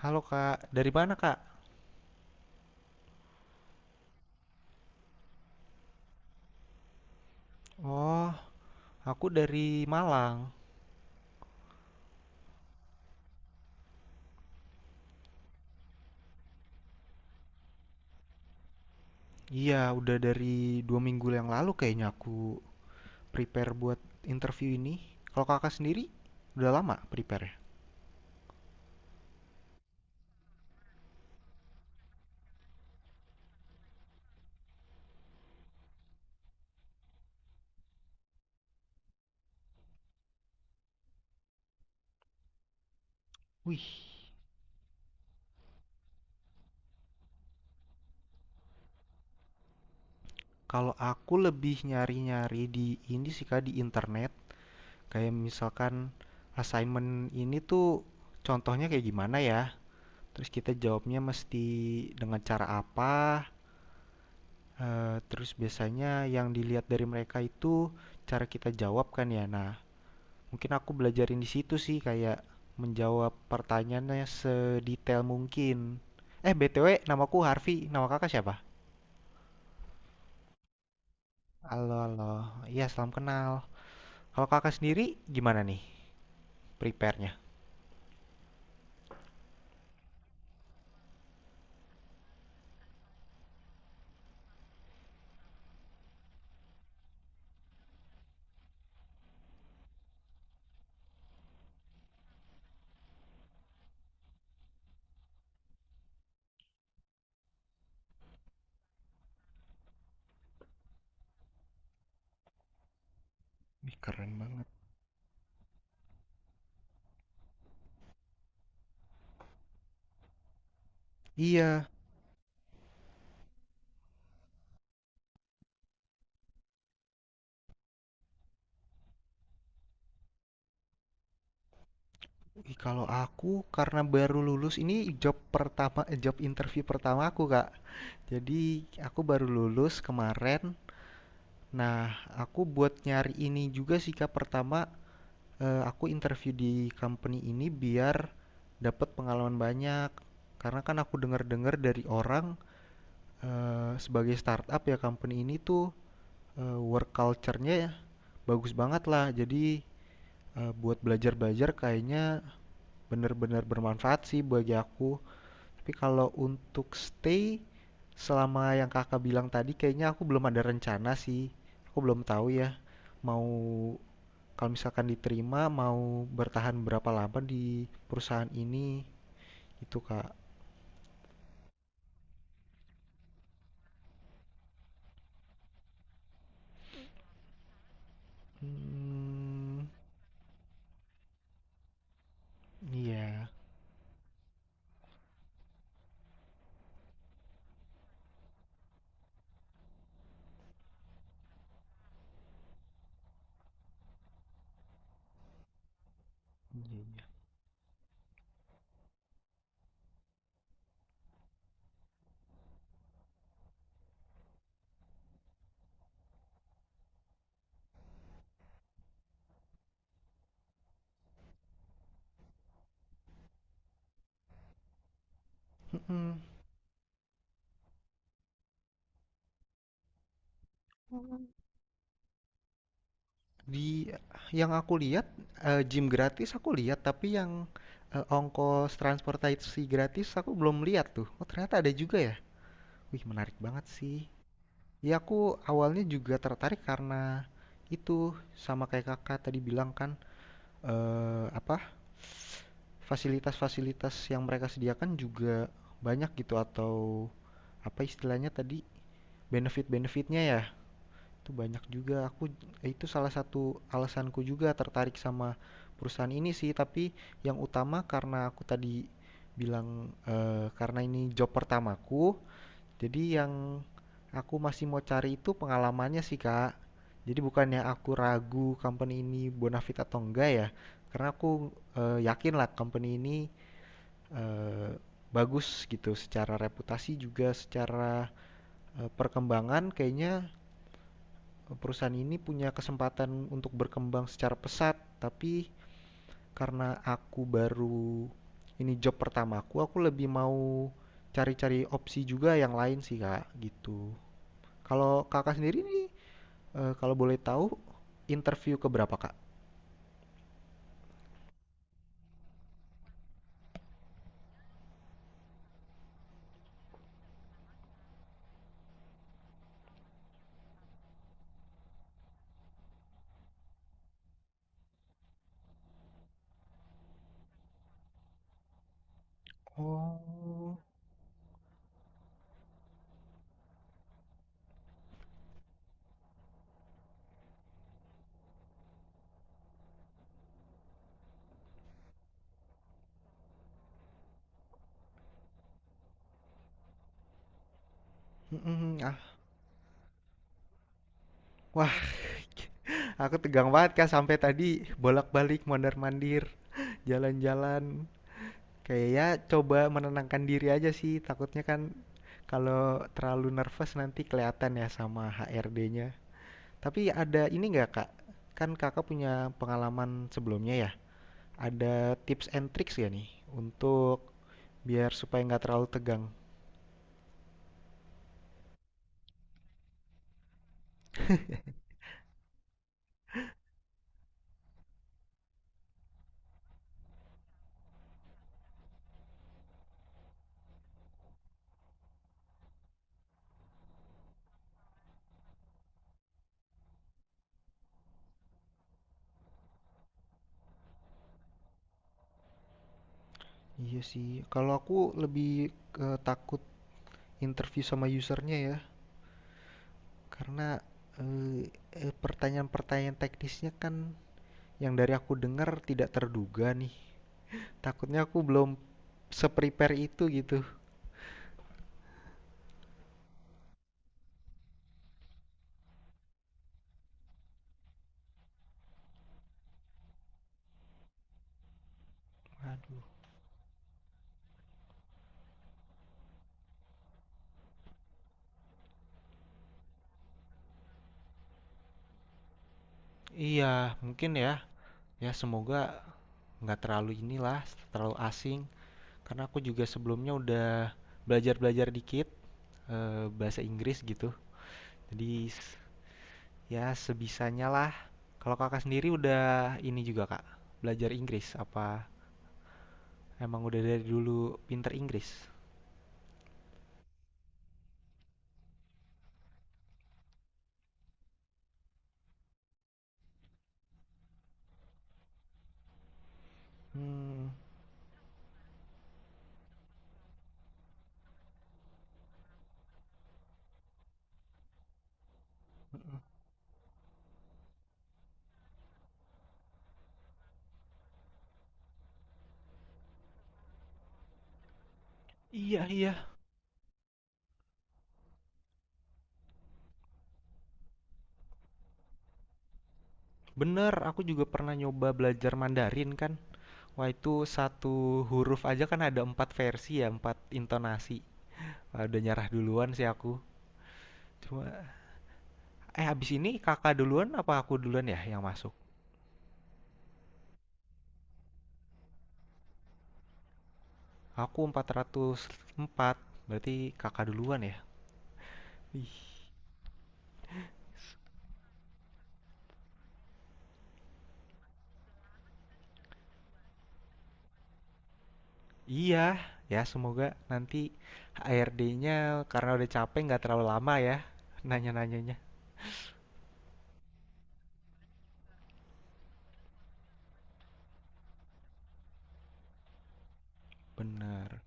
Halo Kak, dari mana Kak? Oh, aku dari Malang. Iya, udah dari 2 minggu yang lalu kayaknya aku prepare buat interview ini. Kalau Kakak sendiri, udah lama prepare? Wih, kalau aku lebih nyari-nyari di ini sih Kak, di internet. Kayak misalkan assignment ini tuh contohnya kayak gimana ya? Terus kita jawabnya mesti dengan cara apa? Terus biasanya yang dilihat dari mereka itu cara kita jawab kan ya. Nah, mungkin aku belajarin di situ sih kayak menjawab pertanyaannya sedetail mungkin. Eh, BTW namaku Harvey. Nama kakak siapa? Halo, halo. Iya, salam kenal. Kalau kakak sendiri gimana nih prepare-nya? Wih, keren banget. Iya. Ih, kalau aku karena baru lulus ini job interview pertama aku, Kak. Jadi, aku baru lulus kemarin. Nah, aku buat nyari ini juga sih Kak. Pertama, aku interview di company ini biar dapat pengalaman banyak. Karena kan aku dengar-dengar dari orang, sebagai startup ya company ini tuh work culture-nya ya bagus banget lah. Jadi buat belajar-belajar kayaknya bener-bener bermanfaat sih bagi aku. Tapi kalau untuk stay selama yang Kakak bilang tadi kayaknya aku belum ada rencana sih. Aku belum tahu ya mau kalau misalkan diterima mau bertahan berapa lama di perusahaan ini itu Kak. Hmm, iya, iya, iya. Mm-mm. Hmm. Di yang aku lihat gym gratis aku lihat, tapi yang ongkos transportasi gratis aku belum lihat tuh. Oh, ternyata ada juga ya. Wih, menarik banget sih. Ya, aku awalnya juga tertarik karena itu, sama kayak kakak tadi bilang kan. Apa, fasilitas-fasilitas yang mereka sediakan juga banyak gitu, atau apa istilahnya tadi, benefit-benefitnya ya, itu banyak juga. Aku itu salah satu alasanku juga tertarik sama perusahaan ini sih, tapi yang utama karena aku tadi bilang, karena ini job pertamaku, jadi yang aku masih mau cari itu pengalamannya sih, Kak. Jadi bukannya aku ragu company ini bonafit atau enggak ya, karena aku yakin lah company ini eh, bagus gitu secara reputasi, juga secara perkembangan kayaknya perusahaan ini punya kesempatan untuk berkembang secara pesat, tapi karena aku baru ini job pertamaku, aku lebih mau cari-cari opsi juga yang lain sih, Kak, gitu. Kalau kakak sendiri nih, kalau boleh tahu, interview ke berapa kak? Oh. Mm-mm. Ah, wah, aku tegang banget kak sampai tadi bolak-balik mondar-mandir, jalan-jalan. Kayak ya coba menenangkan diri aja sih, takutnya kan kalau terlalu nervous nanti kelihatan ya sama HRD-nya. Tapi ada ini nggak kak? Kan kakak punya pengalaman sebelumnya ya. Ada tips and tricks ya nih untuk biar supaya nggak terlalu tegang? Iya sih, kalau aku lebih ke takut interview sama usernya ya, karena eh, pertanyaan-pertanyaan teknisnya kan yang dari aku dengar tidak terduga nih. Takutnya aku belum se-prepare itu gitu. Aduh. Iya, mungkin ya. Ya semoga nggak terlalu inilah, terlalu asing. Karena aku juga sebelumnya udah belajar-belajar dikit bahasa Inggris gitu. Jadi, ya sebisanya lah. Kalau kakak sendiri udah ini juga kak, belajar Inggris apa emang udah dari dulu pinter Inggris? Hmm, iya, iya, bener. Aku juga pernah nyoba belajar Mandarin kan. Wah, itu satu huruf aja kan ada empat versi ya, empat intonasi. Wah, udah nyerah duluan sih aku. Cuma, habis ini kakak duluan apa aku duluan ya yang masuk? Aku 404. Berarti kakak duluan ya. Ih. Iya, ya semoga nanti HRD-nya karena udah capek nggak terlalu lama ya nanya-nanyanya. Bener.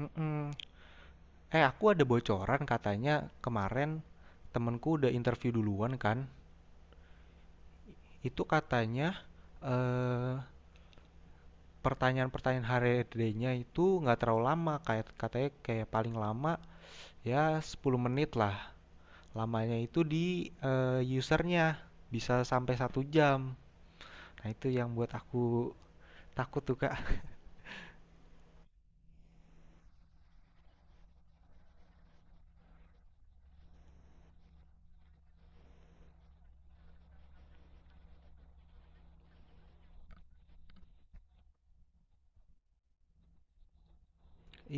Mm-mm. Eh, aku ada bocoran katanya kemarin temenku udah interview duluan kan. Itu katanya eh, pertanyaan-pertanyaan HRD-nya itu nggak terlalu lama. Kayak katanya kayak paling lama ya 10 menit lah. Lamanya itu di usernya bisa sampai 1 jam. Nah, itu yang buat aku takut tuh, Kak.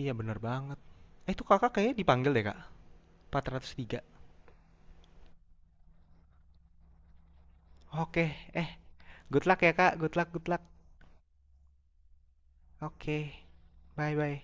Iya bener banget. Eh itu kakak kayaknya dipanggil deh kak. 403. Oke, eh good luck ya kak. Good luck, good luck. Oke, bye bye.